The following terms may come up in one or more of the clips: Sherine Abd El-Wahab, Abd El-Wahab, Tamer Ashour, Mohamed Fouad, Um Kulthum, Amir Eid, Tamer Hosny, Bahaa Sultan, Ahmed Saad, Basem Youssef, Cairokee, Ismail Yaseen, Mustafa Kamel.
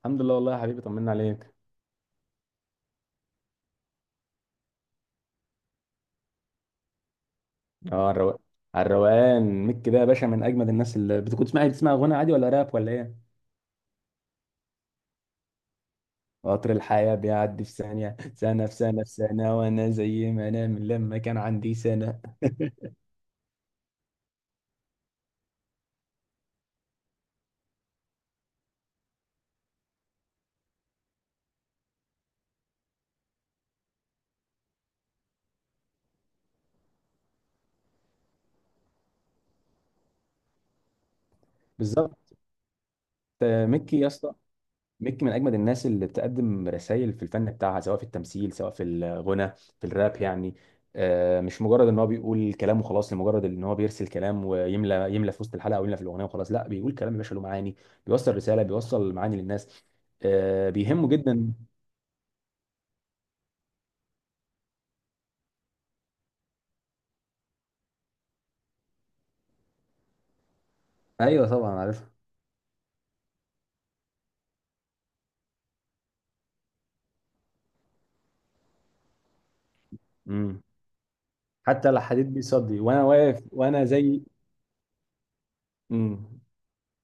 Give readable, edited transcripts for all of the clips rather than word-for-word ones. الحمد لله والله يا حبيبي، طمنا عليك. اه الرو... على الروقان. ميك ده يا باشا من اجمد الناس. اللي بتكون بتسمع غنى عادي، ولا راب، ولا ايه؟ قطر الحياة بيعدي في ثانية، سنة في سنة في سنة، وانا زي ما انا من لما كان عندي سنة. بالظبط. ميكي يا اسطى. ميكي من اجمد الناس اللي بتقدم رسائل في الفن بتاعها، سواء في التمثيل، سواء في الغنى، في الراب يعني. مش مجرد ان هو بيقول كلام وخلاص، لمجرد ان هو بيرسل كلام ويملى في وسط الحلقه، او يملى في الاغنيه وخلاص، لا بيقول كلام يا باشا له معاني، بيوصل رساله، بيوصل معاني للناس. بيهمه جدا. ايوه طبعا عارفها. امم. حتى لا حديد بيصدي وانا واقف، وانا زي. امم.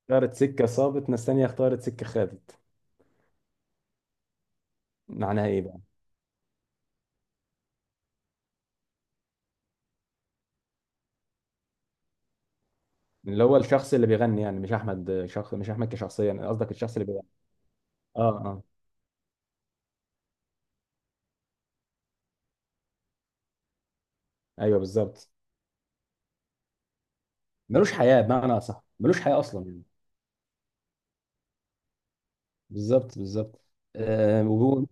اختارت سكه صابت، ناس تانيه اختارت سكه خدت. معناها ايه بقى؟ اللي هو الشخص اللي بيغني، يعني مش احمد شخص، مش احمد كشخصيه، يعني قصدك الشخص اللي بيغني. اه اه. ايوه بالظبط. ملوش حياه، بمعنى صح ملوش حياه اصلا يعني. بالظبط بالظبط. آه وهو-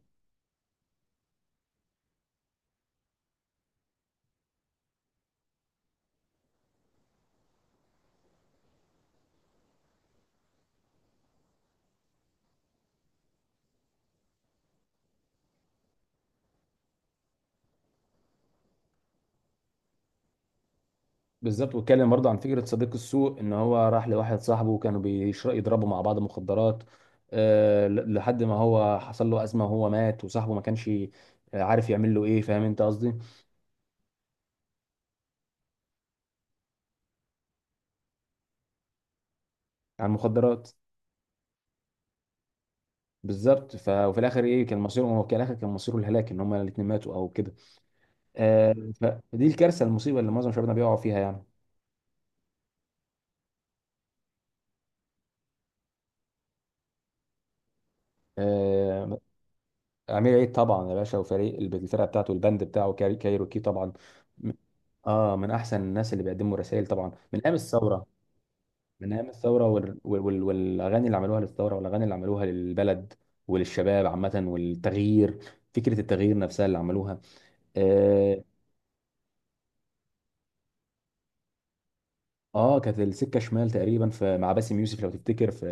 بالظبط، واتكلم برضه عن فكره صديق السوء، ان هو راح لواحد صاحبه، وكانوا بيشرب يضربوا مع بعض مخدرات. لحد ما هو حصل له ازمه وهو مات، وصاحبه ما كانش عارف يعمل له ايه، فاهم انت قصدي؟ عن المخدرات. بالظبط. وفي الاخر ايه كان مصيره؟ هو في الاخر كان مصيره الهلاك، ان هما الاثنين ماتوا او كده. آه فدي الكارثه، المصيبه اللي معظم شبابنا بيقعوا فيها يعني. آه، امير عيد طبعا يا باشا، وفريق الفرقه بتاعته، البند بتاعه كايروكي طبعا. م- اه من احسن الناس اللي بيقدموا رسائل طبعا، من ايام الثوره. من ايام الثوره والاغاني اللي عملوها للثوره، والاغاني اللي عملوها للبلد وللشباب عامه، والتغيير، فكره التغيير نفسها اللي عملوها. اه, كانت السكه شمال تقريبا في مع باسم يوسف لو تفتكر، في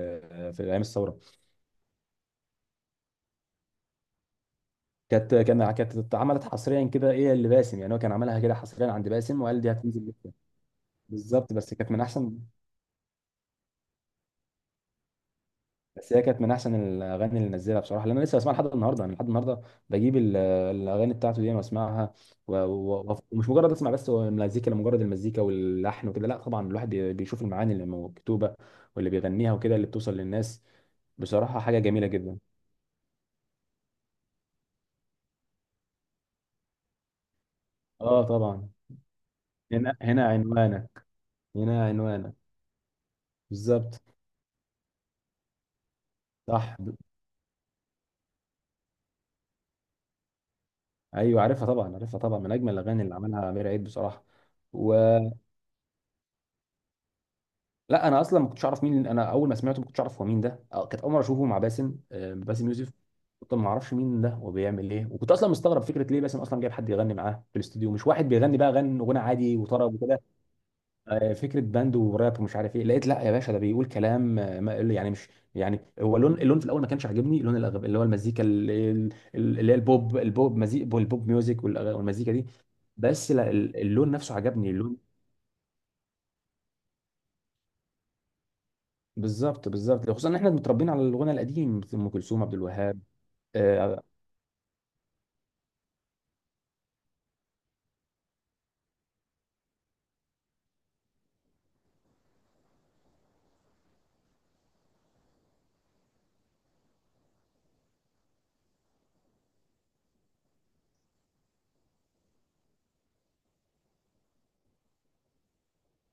في ايام الثوره. كانت اتعملت حصريا كده، ايه اللي باسم يعني هو كان عملها كده حصريا عند باسم، وقال دي هتنزل لسه. بالظبط. بس هي كانت من احسن الاغاني اللي نزلها بصراحه، لان انا لسه بسمعها لحد النهارده، انا لحد النهارده بجيب الاغاني بتاعته دي واسمعها. و- و- ومش مجرد اسمع بس، هو المزيكا لمجرد المزيكا واللحن وكده، لا طبعا الواحد بيشوف المعاني اللي مكتوبه واللي بيغنيها وكده، اللي بتوصل للناس بصراحه، حاجه جميله جدا. اه طبعا. هنا هنا عنوانك، هنا عنوانك. بالظبط. صح. ايوه عارفها طبعا، عارفها طبعا، من اجمل الاغاني اللي عملها امير عيد بصراحه. و... لا انا اصلا ما كنتش اعرف مين، انا اول ما سمعته ما كنتش اعرف هو مين ده، كانت اول مره اشوفه مع باسم، باسم يوسف. كنت ما اعرفش مين ده وبيعمل ايه، وكنت اصلا مستغرب فكره ليه باسم اصلا جايب حد يغني معاه في الاستوديو؟ مش واحد بيغني بقى، غن غنى عادي وطرب وكده. فكره باند وراب ومش عارف ايه، لقيت لا يا باشا ده بيقول كلام، ما يعني مش، يعني هو اللون في الاول ما كانش عاجبني، لون اللي هو المزيكا اللي هي البوب، البوب مزيك، البوب ميوزك، والمزيكا دي. بس لا، اللون نفسه عجبني اللون. بالظبط بالظبط، خصوصا ان احنا متربيين على الغنى القديم، ام كلثوم، عبد الوهاب. اه.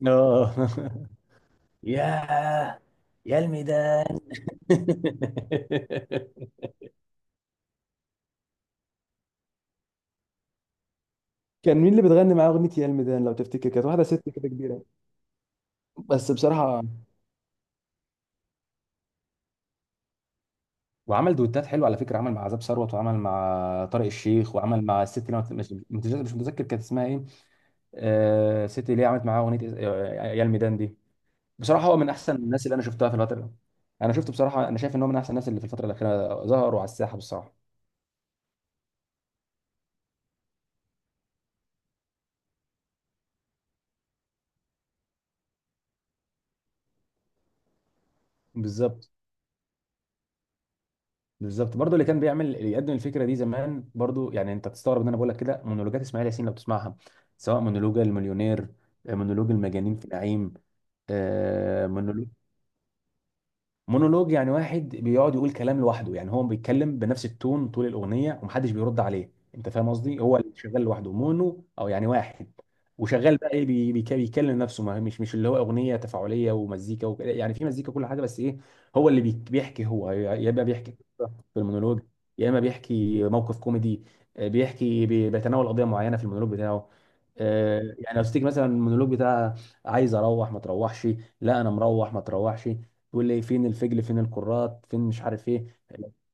آه. يا يا الميدان. كان مين اللي بتغني معاه اغنيه يا الميدان لو تفتكر؟ كانت واحده ست كده كبيره. بس بصراحه، وعمل دويتات حلوه على فكره، عمل مع عذاب ثروت، وعمل مع طارق الشيخ، وعمل مع الست اللي أنا مش متذكر كانت اسمها ايه. الست اللي هي عملت معاه اغنيه يا الميدان دي، بصراحه هو من احسن الناس اللي انا شفتها في الفتره دي. انا شفته بصراحه، انا شايف ان هو من احسن الناس اللي في الفتره الاخيره ظهروا على الساحه بصراحه. بالظبط بالظبط، برضه اللي كان بيعمل، اللي يقدم الفكره دي زمان برضه يعني، انت تستغرب ان انا بقول لك كده، مونولوجات اسماعيل ياسين لو تسمعها، سواء مونولوج المليونير، مونولوج المجانين في نعيم، مونولوج. مونولوج يعني واحد بيقعد يقول كلام لوحده، يعني هو بيتكلم بنفس التون طول الاغنيه ومحدش بيرد عليه، انت فاهم قصدي؟ هو اللي شغال لوحده، مونو، او يعني واحد وشغال بقى ايه، بيتكلم نفسه، ما مش اللي هو اغنيه تفاعليه ومزيكا وكده يعني، في مزيكا، كل حاجه، بس ايه؟ هو اللي بيحكي هو، يا اما بيحكي قصة في المونولوج، يا اما بيحكي موقف كوميدي، بيحكي بيتناول قضيه معينه في المونولوج بتاعه. يعني لو تيجي مثلا المونولوج بتاع عايز اروح ما تروحش، لا انا مروح ما تروحش، تقول لي فين الفجل، فين الكرات، فين مش عارف ايه.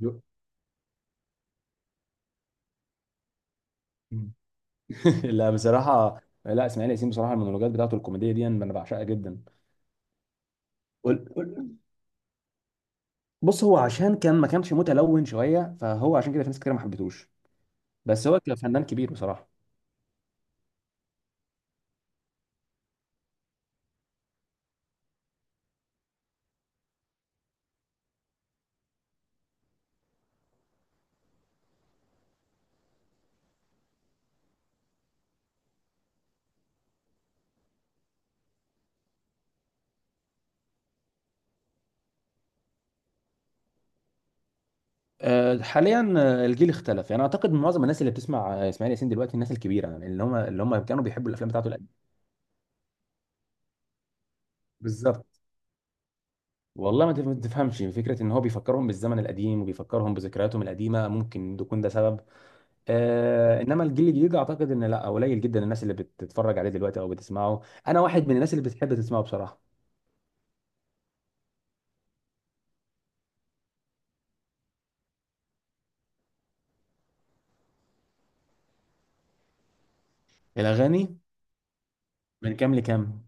جو- لا بصراحه، لا اسماعيل ياسين بصراحه المونولوجات بتاعته الكوميديه دي انا بعشقها جدا. وال- وال- بص هو عشان كان ما كانش متلون شويه، فهو عشان كده في ناس كتير ما حبتوش، بس هو كفنان كبير بصراحه. حاليا، الجيل اختلف، يعني اعتقد معظم الناس اللي بتسمع اسماعيل ياسين دلوقتي الناس الكبيره، يعني اللي هم كانوا بيحبوا الافلام بتاعته القديمه. بالظبط. والله ما تفهمش، فكره ان هو بيفكرهم بالزمن القديم، وبيفكرهم بذكرياتهم القديمه، ممكن يكون ده سبب. انما الجيل الجديد اعتقد ان لا، قليل جدا الناس اللي بتتفرج عليه دلوقتي او بتسمعه. انا واحد من الناس اللي بتحب تسمعه بصراحه. الاغاني من كام لكام؟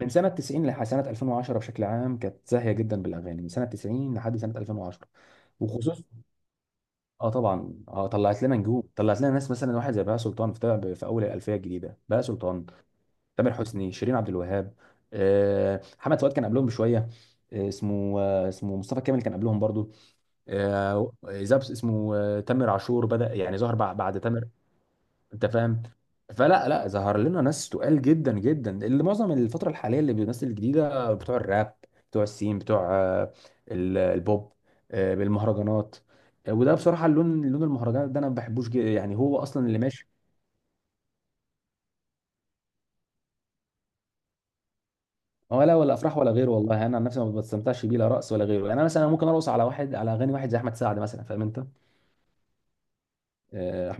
من سنه 90 لحد سنه 2010 بشكل عام كانت زاهيه جدا بالاغاني، من سنه 90 لحد سنه 2010 وخصوصا. اه طبعا، طلعت لنا نجوم، طلعت لنا ناس مثلا واحد زي بهاء سلطان، في طلع في اول الالفيه الجديده بهاء سلطان، تامر حسني، شيرين عبد الوهاب، محمد فؤاد كان قبلهم بشويه. اسمه مصطفى كامل كان قبلهم برضو. آه، زبس اسمه آه، تامر عاشور بدأ يعني ظهر بعد تامر، انت فاهم. فلا، لا ظهر لنا ناس تقال جدا جدا، اللي معظم الفترة الحالية اللي بيمثل الجديدة بتوع الراب، بتوع السين، بتوع البوب، بالمهرجانات. وده بصراحة اللون، لون المهرجانات ده انا ما بحبوش جدا، يعني هو اصلا اللي ماشي. ولا افراح ولا غيره، والله انا عن نفسي ما بستمتعش بيه، لا رقص ولا غيره، يعني انا مثلا ممكن ارقص على واحد، على اغاني واحد زي احمد سعد مثلا، فاهم انت. آه،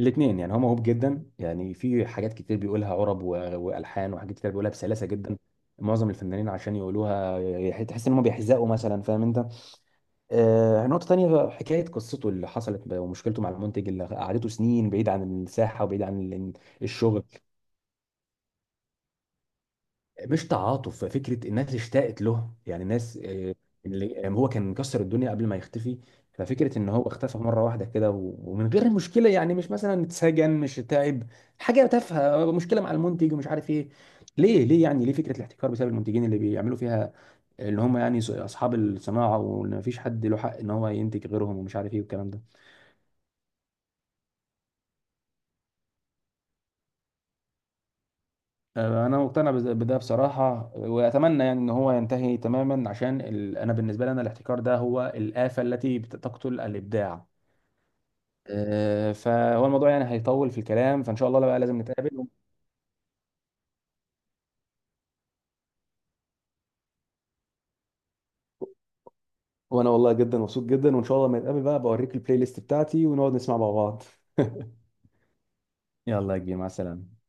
الاثنين يعني، هو موهوب جدا يعني، في حاجات كتير بيقولها عرب والحان، وحاجات كتير بيقولها بسلاسه جدا. معظم الفنانين عشان يقولوها تحس ان هم بيحزقوا مثلا، فاهم انت. نقطه تانية، حكايه قصته اللي حصلت ومشكلته مع المنتج اللي قعدته سنين بعيد عن الساحه، وبعيد عن الشغل. مش تعاطف، فكره الناس اشتاقت له، يعني الناس اللي هو كان مكسر الدنيا قبل ما يختفي. ففكره ان هو اختفى مره واحده كده، ومن غير مشكله، يعني مش مثلا اتسجن، مش تعب حاجه تافهه، مشكله مع المنتج ومش عارف ايه. ليه ليه يعني ليه فكره الاحتكار بسبب المنتجين اللي بيعملوا فيها، اللي هم يعني اصحاب الصناعه، وان مفيش حد له حق ان هو ينتج غيرهم ومش عارف ايه والكلام ده. انا مقتنع بده بصراحه، واتمنى يعني ان هو ينتهي تماما عشان ال... انا بالنسبه لي، انا الاحتكار ده هو الافه التي تقتل الابداع. فهو الموضوع يعني هيطول في الكلام، فان شاء الله بقى لازم نتقابل. وانا والله جدا مبسوط جدا، وان شاء الله لما نتقابل بقى بوريك البلاي ليست بتاعتي ونقعد نسمع مع بعض. يلا يا كبير، مع السلامه.